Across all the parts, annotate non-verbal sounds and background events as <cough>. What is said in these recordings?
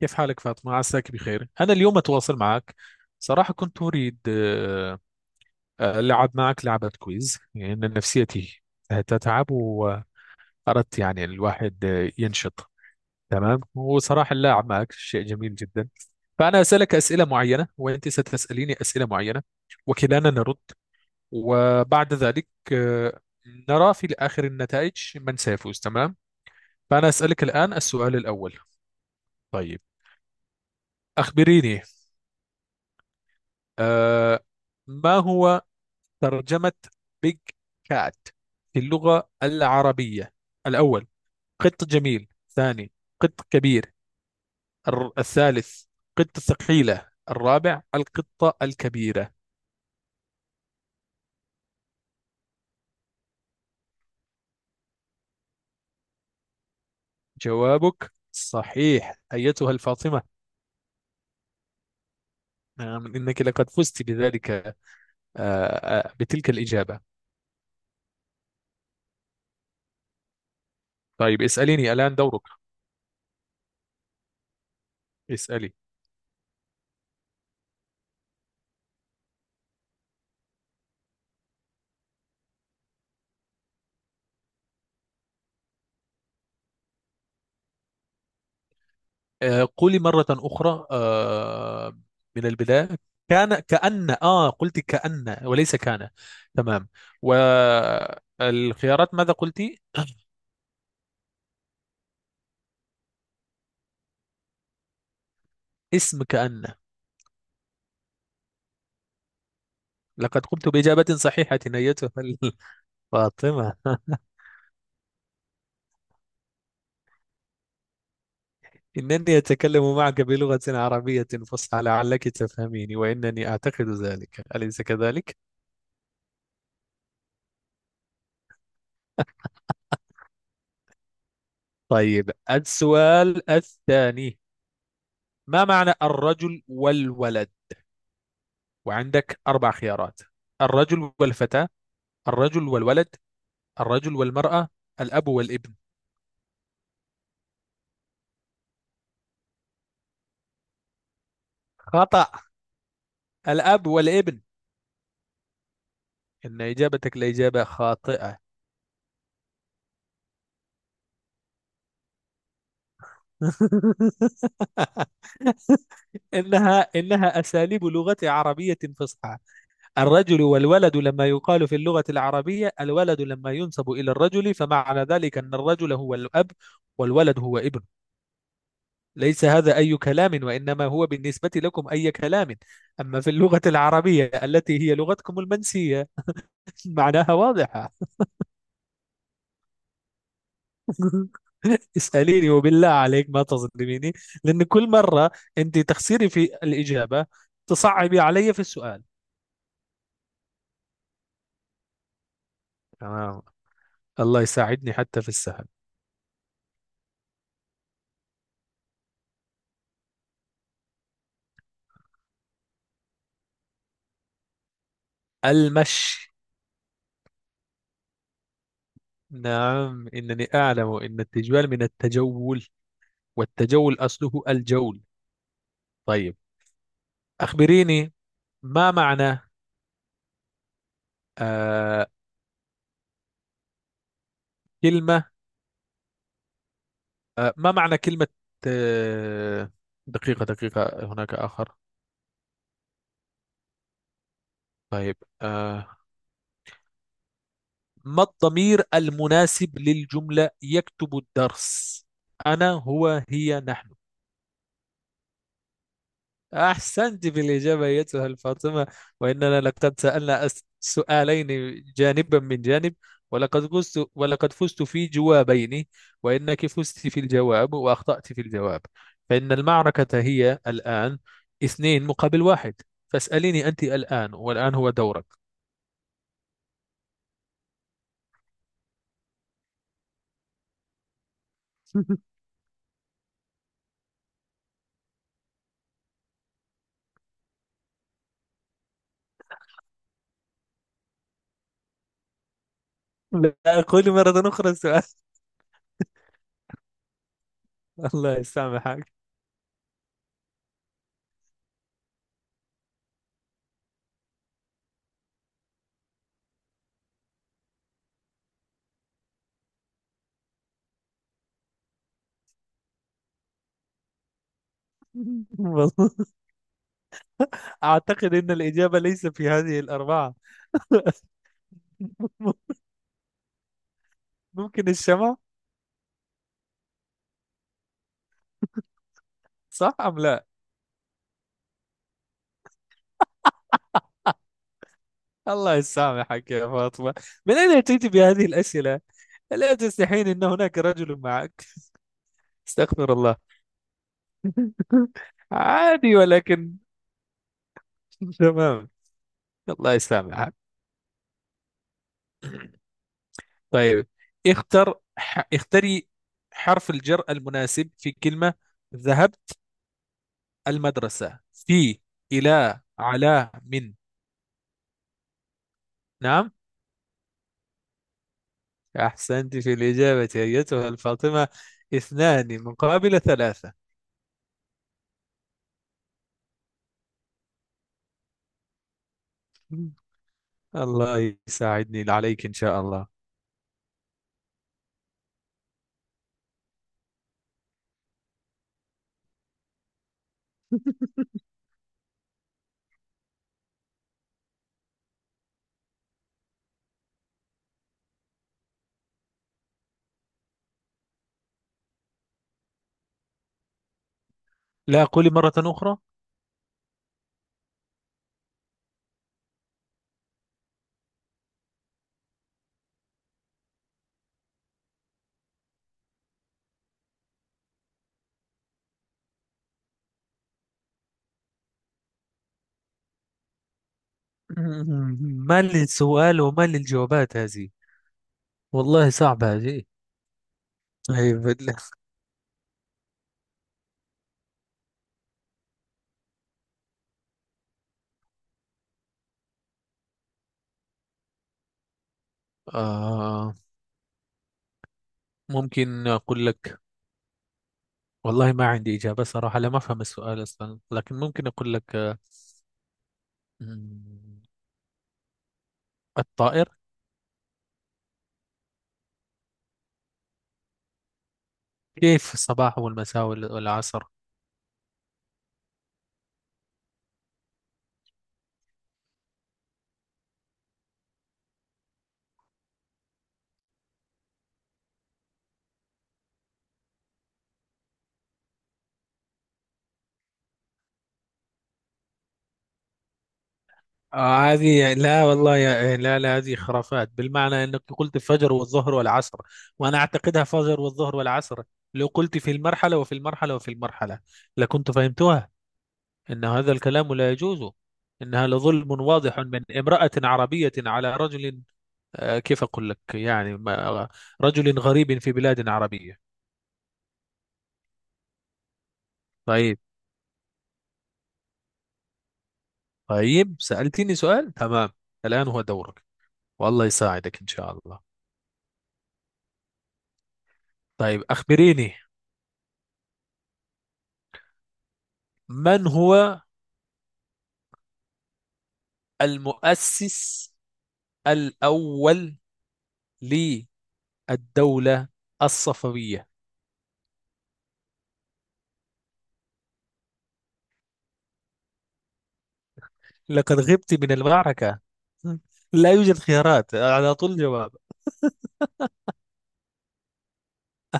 كيف حالك فاطمة؟ عساك بخير. أنا اليوم أتواصل معك، صراحة كنت أريد ألعب معك لعبة كويز، لأن يعني نفسيتي تتعب، وأردت يعني الواحد ينشط. تمام، وصراحة اللعب معك شيء جميل جدا. فأنا أسألك أسئلة معينة، وأنت ستسأليني أسئلة معينة، وكلانا نرد، وبعد ذلك نرى في آخر النتائج من سيفوز. تمام، فأنا أسألك الآن السؤال الأول. طيب، أخبريني، آه، ما هو ترجمة بيج كات في اللغة العربية؟ الأول: قط جميل. ثاني: قط كبير. الثالث: قطة ثقيلة. الرابع: القطة الكبيرة. جوابك صحيح أيتها الفاطمة. نعم إنك لقد فزت بذلك، بتلك الإجابة. طيب اسأليني الآن، دورك. اسألي. قولي مرة أخرى من البداية، كان كأن قلت كأن وليس كان. تمام. والخيارات ماذا قلتي؟ اسم كأن. لقد قمت بإجابة صحيحة أيتها <laughs> فاطمة. إنني أتكلم معك بلغة عربية فصحى لعلك تفهميني، وإنني أعتقد ذلك، أليس كذلك؟ طيب، السؤال الثاني: ما معنى الرجل والولد؟ وعندك أربع خيارات: الرجل والفتاة، الرجل والولد، الرجل والمرأة، الأب والابن. خطأ. الأب والابن. إن إجابتك لإجابة خاطئة. <laughs> إنها أساليب لغة عربية فصحى. الرجل والولد، لما يقال في اللغة العربية الولد لما ينسب إلى الرجل، فمعنى ذلك أن الرجل هو الأب، والولد هو ابن. ليس هذا أي كلام، وإنما هو بالنسبة لكم أي كلام. أما في اللغة العربية التي هي لغتكم المنسية، معناها واضحة. <laughs> اسأليني وبالله عليك ما تظلميني، لأن كل مرة أنت تخسري في الإجابة تصعبي علي في السؤال. تمام، الله يساعدني حتى في السهل. المشي. نعم، إنني أعلم أن التجوال من التجول، والتجول أصله الجول. طيب، أخبريني، ما معنى آه كلمة، ما معنى كلمة، آه دقيقة هناك آخر. طيب، آه ما الضمير المناسب للجملة يكتب الدرس؟ أنا، هو، هي، نحن. أحسنت في الإجابة أيتها الفاطمة. وإننا لقد سألنا سؤالين جانبا من جانب، ولقد فزت، ولقد فزت في جوابين، وإنك فزت في الجواب وأخطأت في الجواب. فإن المعركة هي الآن اثنين مقابل واحد. فاسأليني أنت الآن، والآن هو دورك. <laughs> لا، أقول مرة أخرى السؤال. <laughs> الله يسامحك. <laughs> والله أعتقد أن الإجابة ليس في هذه الأربعة. <laughs> ممكن الشمع. صح أم لا؟ الله يسامحك يا فاطمة، من أين أتيت بهذه الأسئلة؟ ألا تستحين أن هناك رجل معك؟ استغفر الله. <laughs> عادي، ولكن تمام. الله يسامحك. طيب، اختري حرف الجر المناسب في كلمة ذهبت المدرسة: في، إلى، على، من. نعم، أحسنت في الإجابة أيتها الفاطمة. اثنان مقابل ثلاثة. الله يساعدني عليك إن شاء الله. لا، قولي مرة أخرى. <laughs> ما للسؤال وما للجوابات هذه، والله صعبة هذه. أي بالله. آه ممكن أقول لك، والله ما عندي إجابة صراحة، لا ما أفهم السؤال أصلا، لكن ممكن أقول لك مم، الطائر. كيف الصباح والمساء والعصر؟ هذه لا والله يا إيه، لا هذه خرافات، بالمعنى انك قلت الفجر والظهر والعصر، وانا اعتقدها فجر والظهر والعصر. لو قلت في المرحلة وفي المرحلة وفي المرحلة لكنت فهمتها. ان هذا الكلام لا يجوز، انها لظلم واضح من امرأة عربية على رجل. كيف اقول لك يعني رجل غريب في بلاد عربية. طيب. طيب، سألتني سؤال، تمام، الآن هو دورك، والله يساعدك ان شاء الله. طيب، اخبريني، من هو المؤسس الأول للدولة الصفوية؟ لقد غبت من المعركة. <laughs> لا يوجد خيارات، على طول جواب.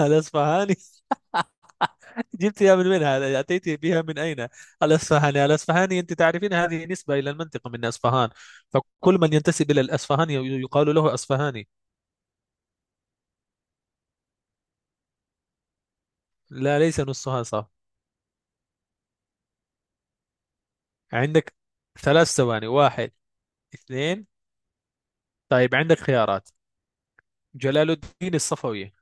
الأصفهاني. <laughs> جبتها من وين؟ هذا أتيت بها من أين؟ الأصفهاني، الأصفهاني أنت تعرفين هذه نسبة إلى المنطقة، من أصفهان، فكل من ينتسب إلى الأصفهاني يقال له أصفهاني. لا، ليس نصها صح. عندك ثلاث ثواني: واحد، اثنين. طيب، عندك خيارات: جلال الدين الصفوي،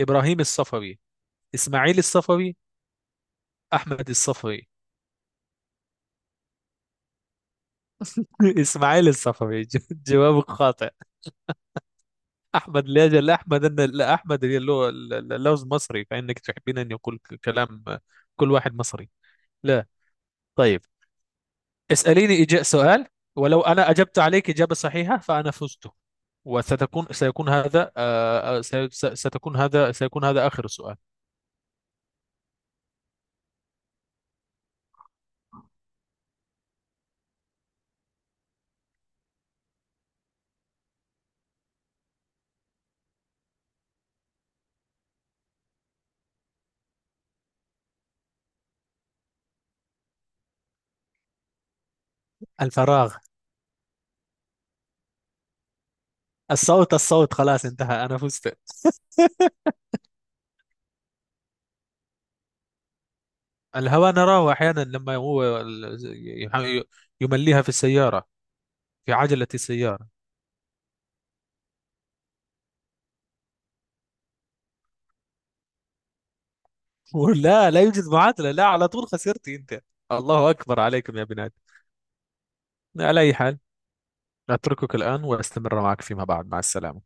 إبراهيم الصفوي، اسماعيل الصفوي، احمد الصفوي. <laughs> اسماعيل الصفوي. جوابك خاطئ. احمد، لاجل احمد ان لا احمد، اللي هو اللوز مصري، فانك تحبين ان يقول كلام كل واحد مصري. لا. طيب، اساليني إجاء سؤال، ولو انا اجبت عليك اجابه صحيحه فانا فزت. سيكون هذا ستكون هذا سيكون هذا اخر سؤال. الفراغ. الصوت. الصوت، خلاص انتهى، انا فزت. الهواء نراه أحيانا لما هو يح- يمليها في السيارة، في عجلة السيارة. <laughs> لا، لا يوجد معادلة، لا، على طول خسرتي أنت. الله أكبر عليكم يا بنات. على أي حال، أتركك الآن وأستمر معك فيما بعد. مع السلامة.